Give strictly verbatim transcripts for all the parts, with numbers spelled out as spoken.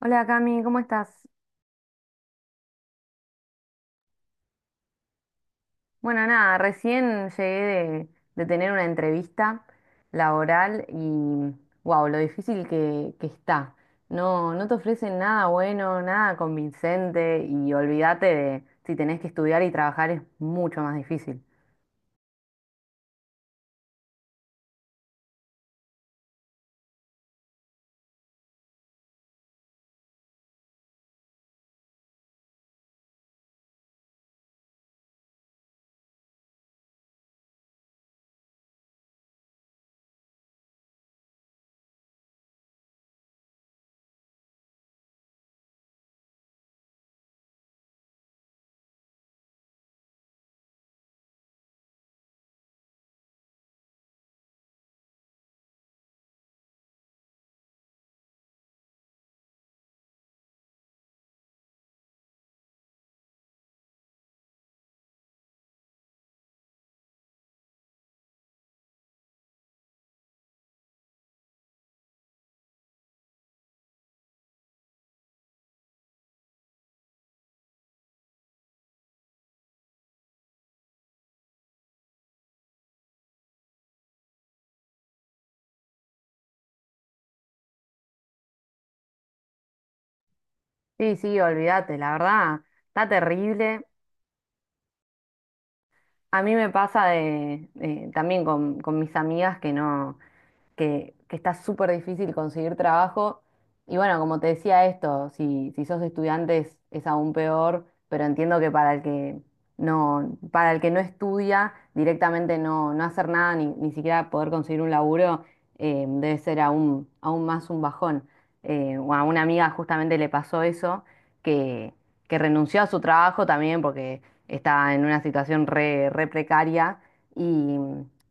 Hola Cami, ¿cómo estás? Bueno, nada, recién llegué de, de tener una entrevista laboral y wow, lo difícil que, que está. No, no te ofrecen nada bueno, nada convincente y olvídate de si tenés que estudiar y trabajar es mucho más difícil. Sí, sí, olvídate, la verdad, está terrible. A mí me pasa de, eh, también con, con, mis amigas que no. que, que está súper difícil conseguir trabajo. Y bueno, como te decía esto, si, si sos estudiante es, es, aún peor, pero entiendo que para el que no, para el que no, estudia, directamente no, no, hacer nada, ni, ni siquiera poder conseguir un laburo, eh, debe ser aún, aún más un bajón. Eh, o a una amiga justamente le pasó eso, que, que renunció a su trabajo también porque estaba en una situación re, re, precaria. Y,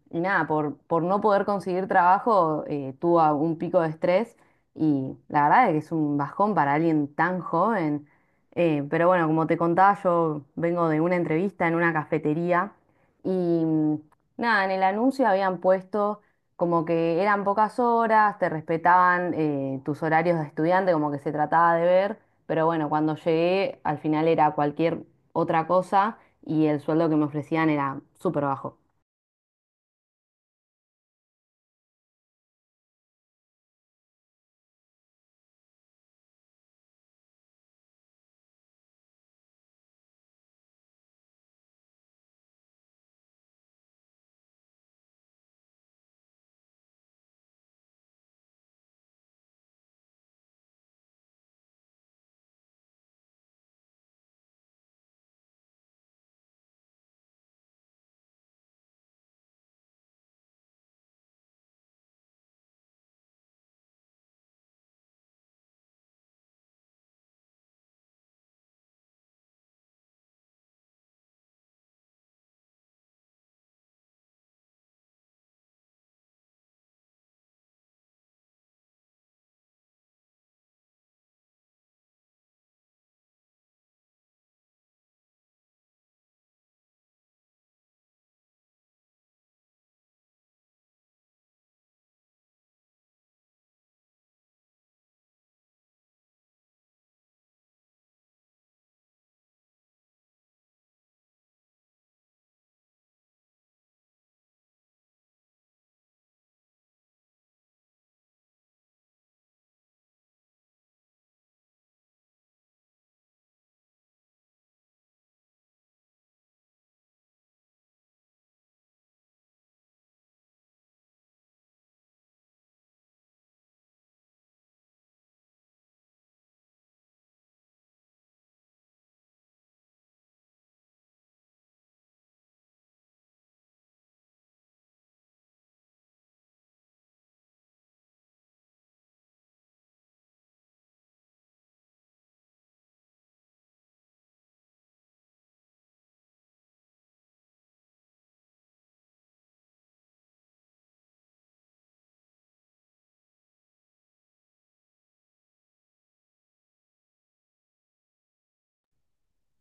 y nada, por, por no poder conseguir trabajo, eh, tuvo a- un pico de estrés y la verdad es que es un bajón para alguien tan joven. Eh, pero bueno, como te contaba, yo vengo de una entrevista en una cafetería y mm, nada, en el anuncio habían puesto como que eran pocas horas, te respetaban eh, tus horarios de estudiante, como que se trataba de ver, pero bueno, cuando llegué al final era cualquier otra cosa y el sueldo que me ofrecían era súper bajo.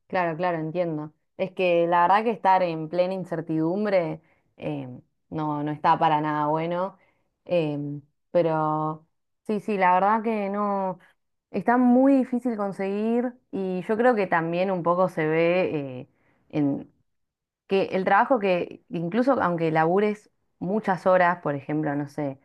Claro, claro, entiendo. Es que la verdad que estar en plena incertidumbre eh, no, no está para nada bueno. em, pero sí, sí, la verdad que no. Está muy difícil conseguir y yo creo que también un poco se ve eh, que el trabajo que, incluso aunque labures muchas horas, por ejemplo, no sé,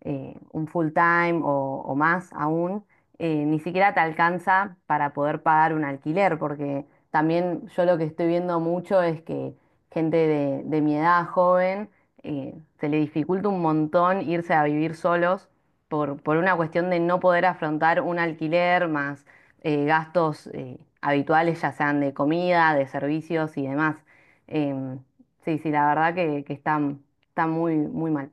eh, un full time o, o, más aún, eh, ni siquiera te alcanza para poder pagar un alquiler, porque también yo lo que estoy viendo mucho es que gente de, de, mi edad joven, eh, se le dificulta un montón irse a vivir solos por, por una cuestión de no poder afrontar un alquiler más eh, gastos eh, habituales, ya sean de comida, de servicios y demás. Em, sí, sí, la verdad que, que, está, está muy, muy mal.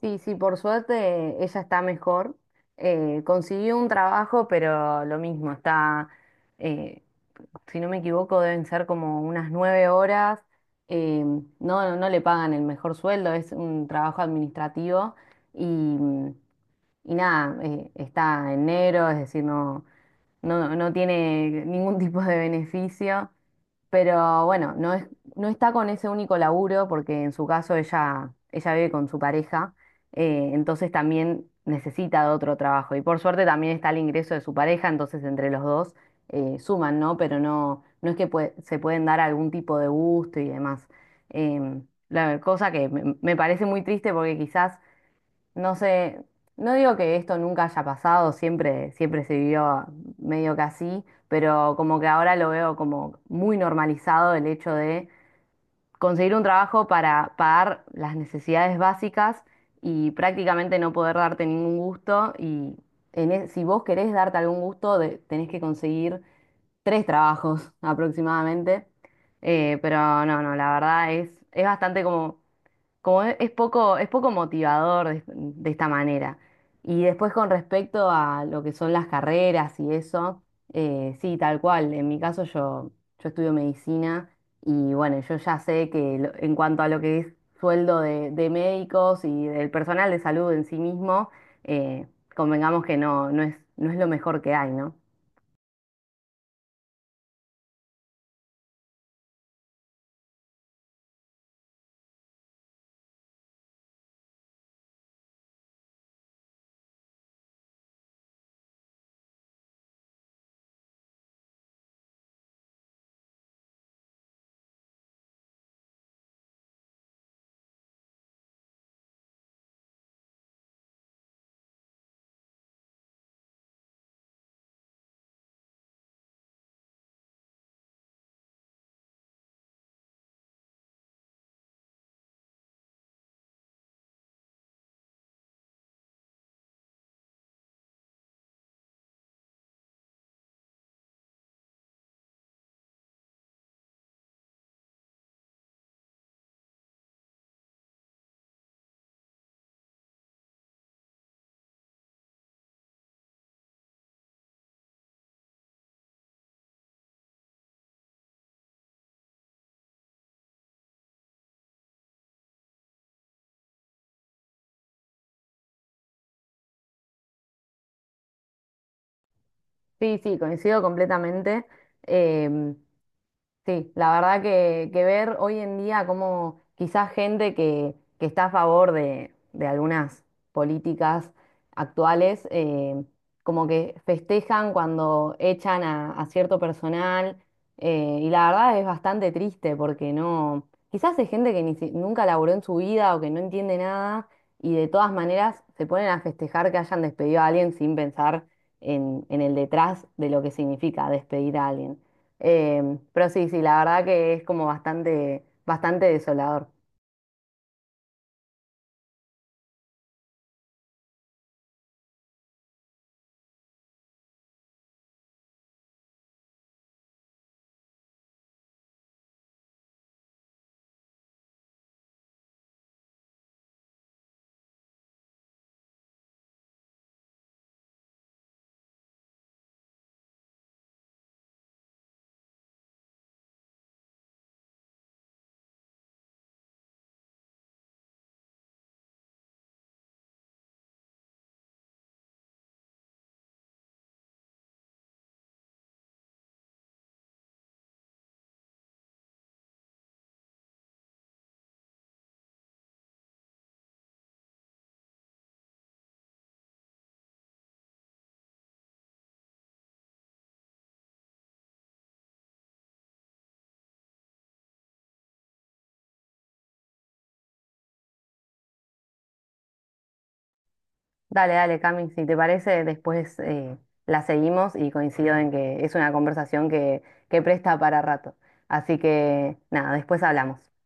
Sí, sí, por suerte ella está mejor. Eh, consiguió un trabajo, pero lo mismo, está, eh, si no me equivoco, deben ser como unas nueve horas. Em, no, no le pagan el mejor sueldo, es un trabajo administrativo y, y nada, eh, está en negro, es decir, no, no, no tiene ningún tipo de beneficio, pero bueno, no es, no está con ese único laburo porque en su caso ella, ella, vive con su pareja, eh, entonces también necesita de otro trabajo y por suerte también está el ingreso de su pareja, entonces entre los dos eh, suman, ¿no? Pero no, no es que pue- se pueden dar algún tipo de gusto y demás. Em, la cosa que me, me parece muy triste porque quizás no sé, no digo que esto nunca haya pasado, siempre, siempre se vivió medio que así, pero como que ahora lo veo como muy normalizado el hecho de conseguir un trabajo para pagar las necesidades básicas y prácticamente no poder darte ningún gusto. Y en e- si vos querés darte algún gusto, de- tenés que conseguir tres trabajos aproximadamente. Eh, pero no, no, la verdad es, es bastante como como es, es poco, es poco motivador de, de, esta manera. Y después con respecto a lo que son las carreras y eso, eh, sí, tal cual. En mi caso yo, yo, estudio medicina y bueno, yo ya sé que lo- en cuanto a lo que es sueldo de, de médicos y del personal de salud en sí mismo, eh, convengamos que no, no es, no es lo mejor que hay, ¿no? Sí, sí, coincido completamente. Em, Sí, la verdad que, que ver hoy en día como quizás gente que, que está a favor de, de algunas políticas actuales, eh, como que festejan cuando echan a, a cierto personal, eh, y la verdad es bastante triste porque no, quizás es gente que ni si- nunca laburó en su vida o que no entiende nada y de todas maneras se ponen a festejar que hayan despedido a alguien sin pensar en, en, el detrás de lo que significa despedir a alguien. Em, pero sí, sí, la verdad que es como bastante, bastante desolador. Dale, dale, Cami, si te parece, después eh, la seguimos y coincido en que es una conversación que, que, presta para rato. Así que nada, después hablamos.